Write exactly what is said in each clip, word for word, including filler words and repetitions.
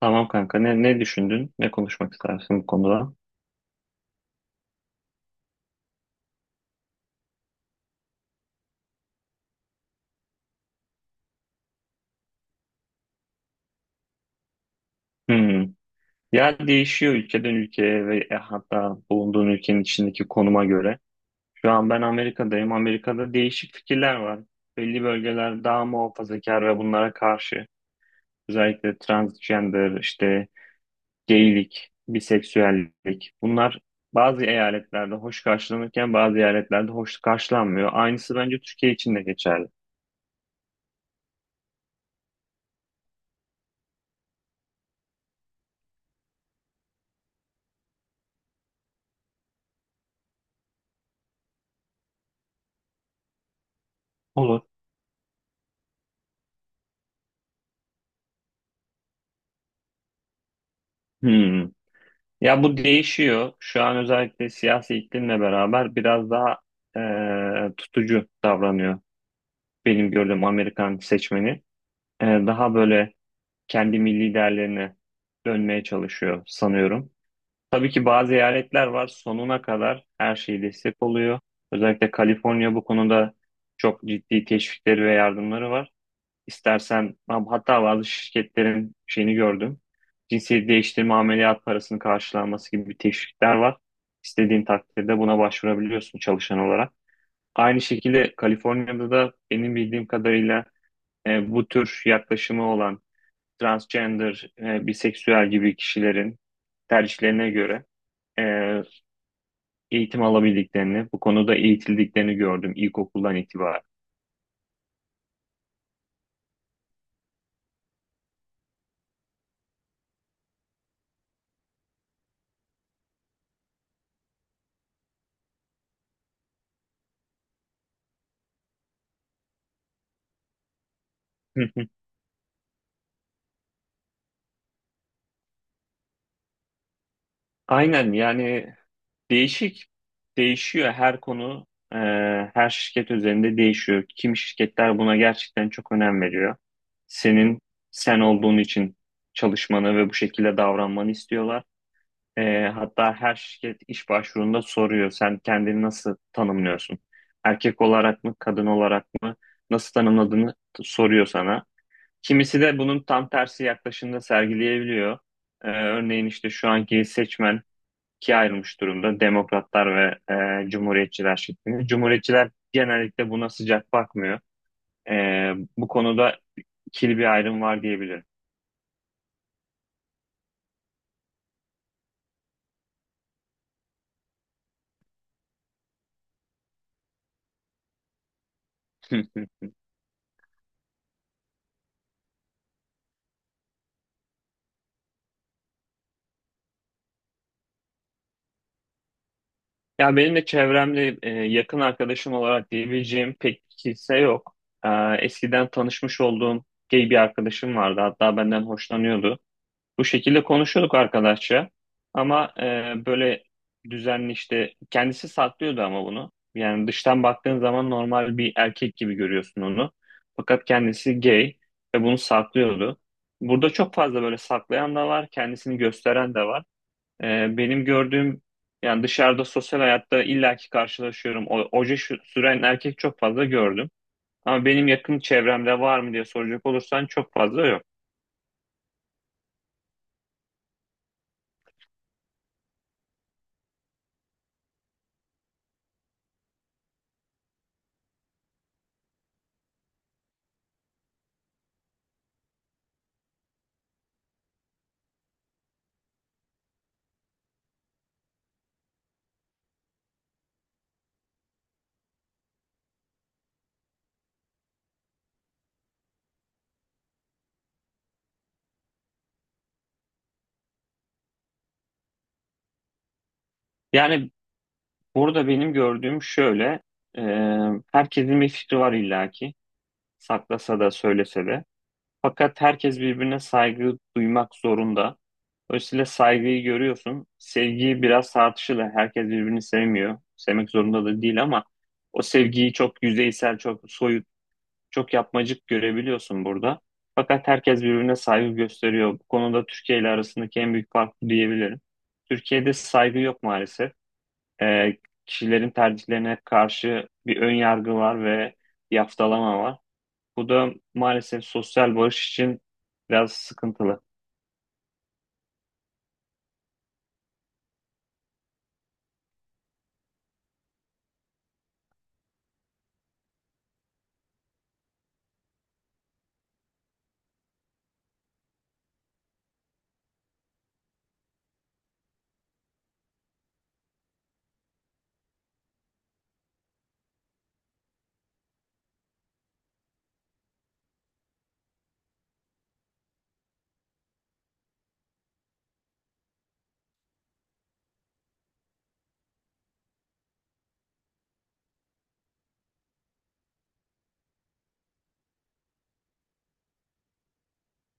Tamam kanka. Ne, ne düşündün? Ne konuşmak istersin bu konuda? Hmm. Ya değişiyor ülkeden ülkeye ve e, hatta bulunduğun ülkenin içindeki konuma göre. Şu an ben Amerika'dayım. Amerika'da değişik fikirler var. Belli bölgeler daha muhafazakar ve bunlara karşı. Özellikle transgender, işte geylik, biseksüellik. Bunlar bazı eyaletlerde hoş karşılanırken bazı eyaletlerde hoş karşılanmıyor. Aynısı bence Türkiye için de geçerli. Olur. Hmm. Ya bu değişiyor. Şu an özellikle siyasi iklimle beraber biraz daha e, tutucu davranıyor. Benim gördüğüm Amerikan seçmeni. E, daha böyle kendi milli değerlerine dönmeye çalışıyor sanıyorum. Tabii ki bazı eyaletler var sonuna kadar her şeyi destek oluyor. Özellikle Kaliforniya bu konuda çok ciddi teşvikleri ve yardımları var. İstersen hatta bazı şirketlerin şeyini gördüm. Cinsiyet değiştirme ameliyat parasının karşılanması gibi bir teşvikler var. İstediğin takdirde buna başvurabiliyorsun çalışan olarak. Aynı şekilde Kaliforniya'da da benim bildiğim kadarıyla e, bu tür yaklaşımı olan transgender, e, biseksüel gibi kişilerin tercihlerine göre e, eğitim alabildiklerini, bu konuda eğitildiklerini gördüm ilkokuldan itibaren. Hı hı. Aynen yani. Değişik. Değişiyor her konu, e, her şirket üzerinde değişiyor. Kim şirketler buna gerçekten çok önem veriyor. Senin sen olduğun için çalışmanı ve bu şekilde davranmanı istiyorlar. E, hatta her şirket iş başvurunda soruyor. Sen kendini nasıl tanımlıyorsun? Erkek olarak mı, kadın olarak mı? Nasıl tanımladığını t- soruyor sana. Kimisi de bunun tam tersi yaklaşımda sergileyebiliyor. E, örneğin işte şu anki seçmen ikiye ayrılmış durumda. Demokratlar ve e, Cumhuriyetçiler şeklinde. Cumhuriyetçiler genellikle buna sıcak bakmıyor. E, Bu konuda ikili bir ayrım var diyebilirim. Ya benim de çevremde e, yakın arkadaşım olarak diyebileceğim pek kimse yok. E, Eskiden tanışmış olduğum gay bir arkadaşım vardı. Hatta benden hoşlanıyordu. Bu şekilde konuşuyorduk arkadaşça. Ama e, böyle düzenli işte kendisi saklıyordu ama bunu. Yani dıştan baktığın zaman normal bir erkek gibi görüyorsun onu. Fakat kendisi gay ve bunu saklıyordu. Burada çok fazla böyle saklayan da var, kendisini gösteren de var. E, benim gördüğüm yani dışarıda sosyal hayatta illaki karşılaşıyorum. O, oje şu- süren erkek çok fazla gördüm. Ama benim yakın çevremde var mı diye soracak olursan çok fazla yok. Yani burada benim gördüğüm şöyle, e, herkesin bir fikri var illaki, saklasa da söylese de. Fakat herkes birbirine saygı duymak zorunda. Dolayısıyla saygıyı görüyorsun. Sevgiyi biraz tartışılır. Herkes birbirini sevmiyor. Sevmek zorunda da değil ama o sevgiyi çok yüzeysel, çok soyut, çok yapmacık görebiliyorsun burada. Fakat herkes birbirine saygı gösteriyor. Bu konuda Türkiye ile arasındaki en büyük fark bu diyebilirim. Türkiye'de saygı yok maalesef e, kişilerin tercihlerine karşı bir ön yargı var ve bir haftalama var. Bu da maalesef sosyal barış için biraz sıkıntılı.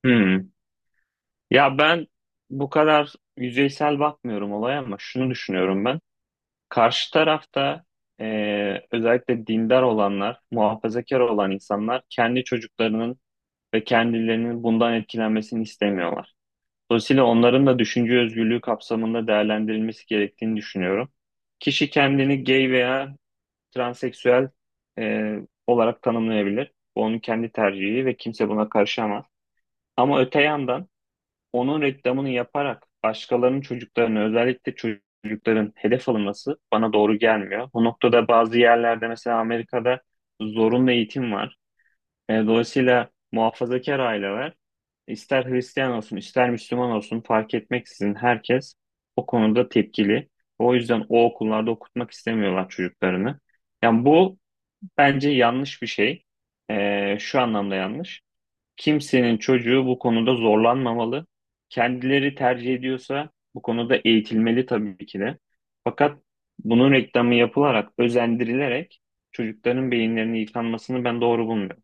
Hmm. Ya ben bu kadar yüzeysel bakmıyorum olaya ama şunu düşünüyorum ben. Karşı tarafta e, özellikle dindar olanlar, muhafazakar olan insanlar kendi çocuklarının ve kendilerinin bundan etkilenmesini istemiyorlar. Dolayısıyla onların da düşünce özgürlüğü kapsamında değerlendirilmesi gerektiğini düşünüyorum. Kişi kendini gay veya transseksüel e, olarak tanımlayabilir. Bu onun kendi tercihi ve kimse buna karışamaz. Ama öte yandan onun reklamını yaparak başkalarının çocuklarını özellikle çocukların hedef alınması bana doğru gelmiyor. Bu noktada bazı yerlerde mesela Amerika'da zorunlu eğitim var. E, dolayısıyla muhafazakar aileler ister Hristiyan olsun ister Müslüman olsun fark etmeksizin herkes o konuda tepkili. O yüzden o okullarda okutmak istemiyorlar çocuklarını. Yani bu bence yanlış bir şey. E, şu anlamda yanlış. Kimsenin çocuğu bu konuda zorlanmamalı. Kendileri tercih ediyorsa bu konuda eğitilmeli tabii ki de. Fakat bunun reklamı yapılarak, özendirilerek çocukların beyinlerini yıkanmasını ben doğru bulmuyorum.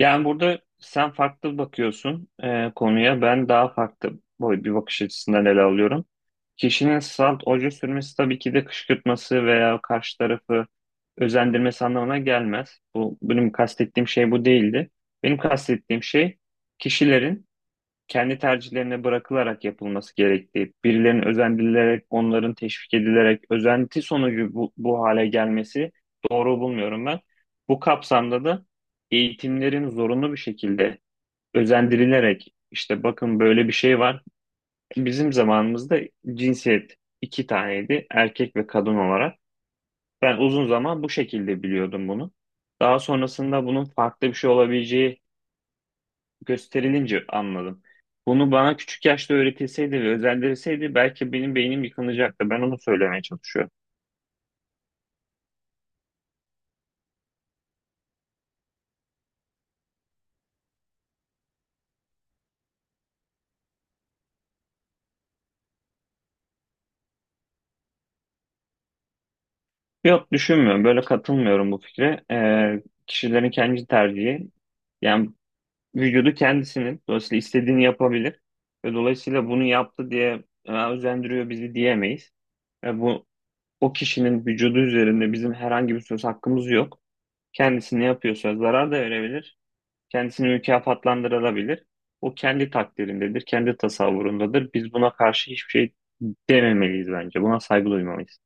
Yani burada sen farklı bakıyorsun e, konuya. Ben daha farklı boy bir bakış açısından ele alıyorum. Kişinin salt oje sürmesi tabii ki de kışkırtması veya karşı tarafı özendirmesi anlamına gelmez. Bu benim kastettiğim şey bu değildi. Benim kastettiğim şey kişilerin kendi tercihlerine bırakılarak yapılması gerektiği, birilerinin özendirilerek, onların teşvik edilerek, özenti sonucu bu, bu hale gelmesi doğru bulmuyorum ben. Bu kapsamda da eğitimlerin zorunlu bir şekilde özendirilerek, işte bakın böyle bir şey var. Bizim zamanımızda cinsiyet iki taneydi, erkek ve kadın olarak. Ben uzun zaman bu şekilde biliyordum bunu. Daha sonrasında bunun farklı bir şey olabileceği gösterilince anladım. Bunu bana küçük yaşta öğretilseydi ve özendirilseydi belki benim beynim yıkılacaktı. Ben onu söylemeye çalışıyorum. Yok düşünmüyorum. Böyle katılmıyorum bu fikre. Ee, kişilerin kendi tercihi. Yani vücudu kendisinin. Dolayısıyla istediğini yapabilir. Ve dolayısıyla bunu yaptı diye "Aa, özendiriyor bizi" diyemeyiz. Ve bu o kişinin vücudu üzerinde bizim herhangi bir söz hakkımız yok. Kendisi ne yapıyorsa zarar da verebilir. Kendisini mükafatlandırılabilir. O kendi takdirindedir, kendi tasavvurundadır. Biz buna karşı hiçbir şey dememeliyiz bence. Buna saygı duymalıyız.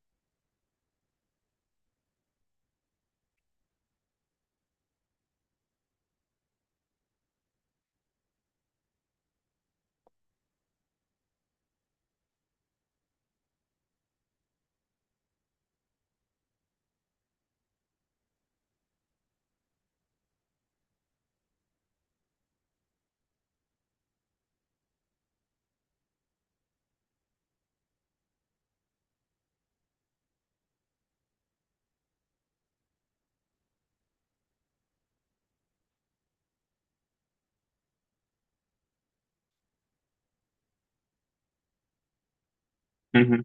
Hı hı.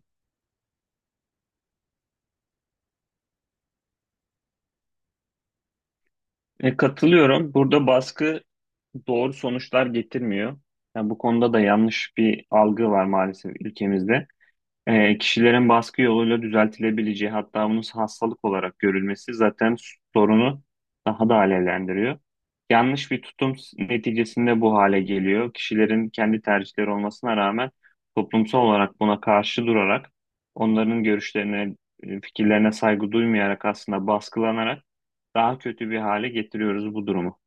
E, katılıyorum. Burada baskı doğru sonuçlar getirmiyor. Yani bu konuda da yanlış bir algı var maalesef ülkemizde. E, kişilerin baskı yoluyla düzeltilebileceği hatta bunun hastalık olarak görülmesi zaten sorunu daha da alevlendiriyor. Yanlış bir tutum neticesinde bu hale geliyor. Kişilerin kendi tercihleri olmasına rağmen toplumsal olarak buna karşı durarak onların görüşlerine, e, fikirlerine saygı duymayarak aslında baskılanarak daha kötü bir hale getiriyoruz bu durumu.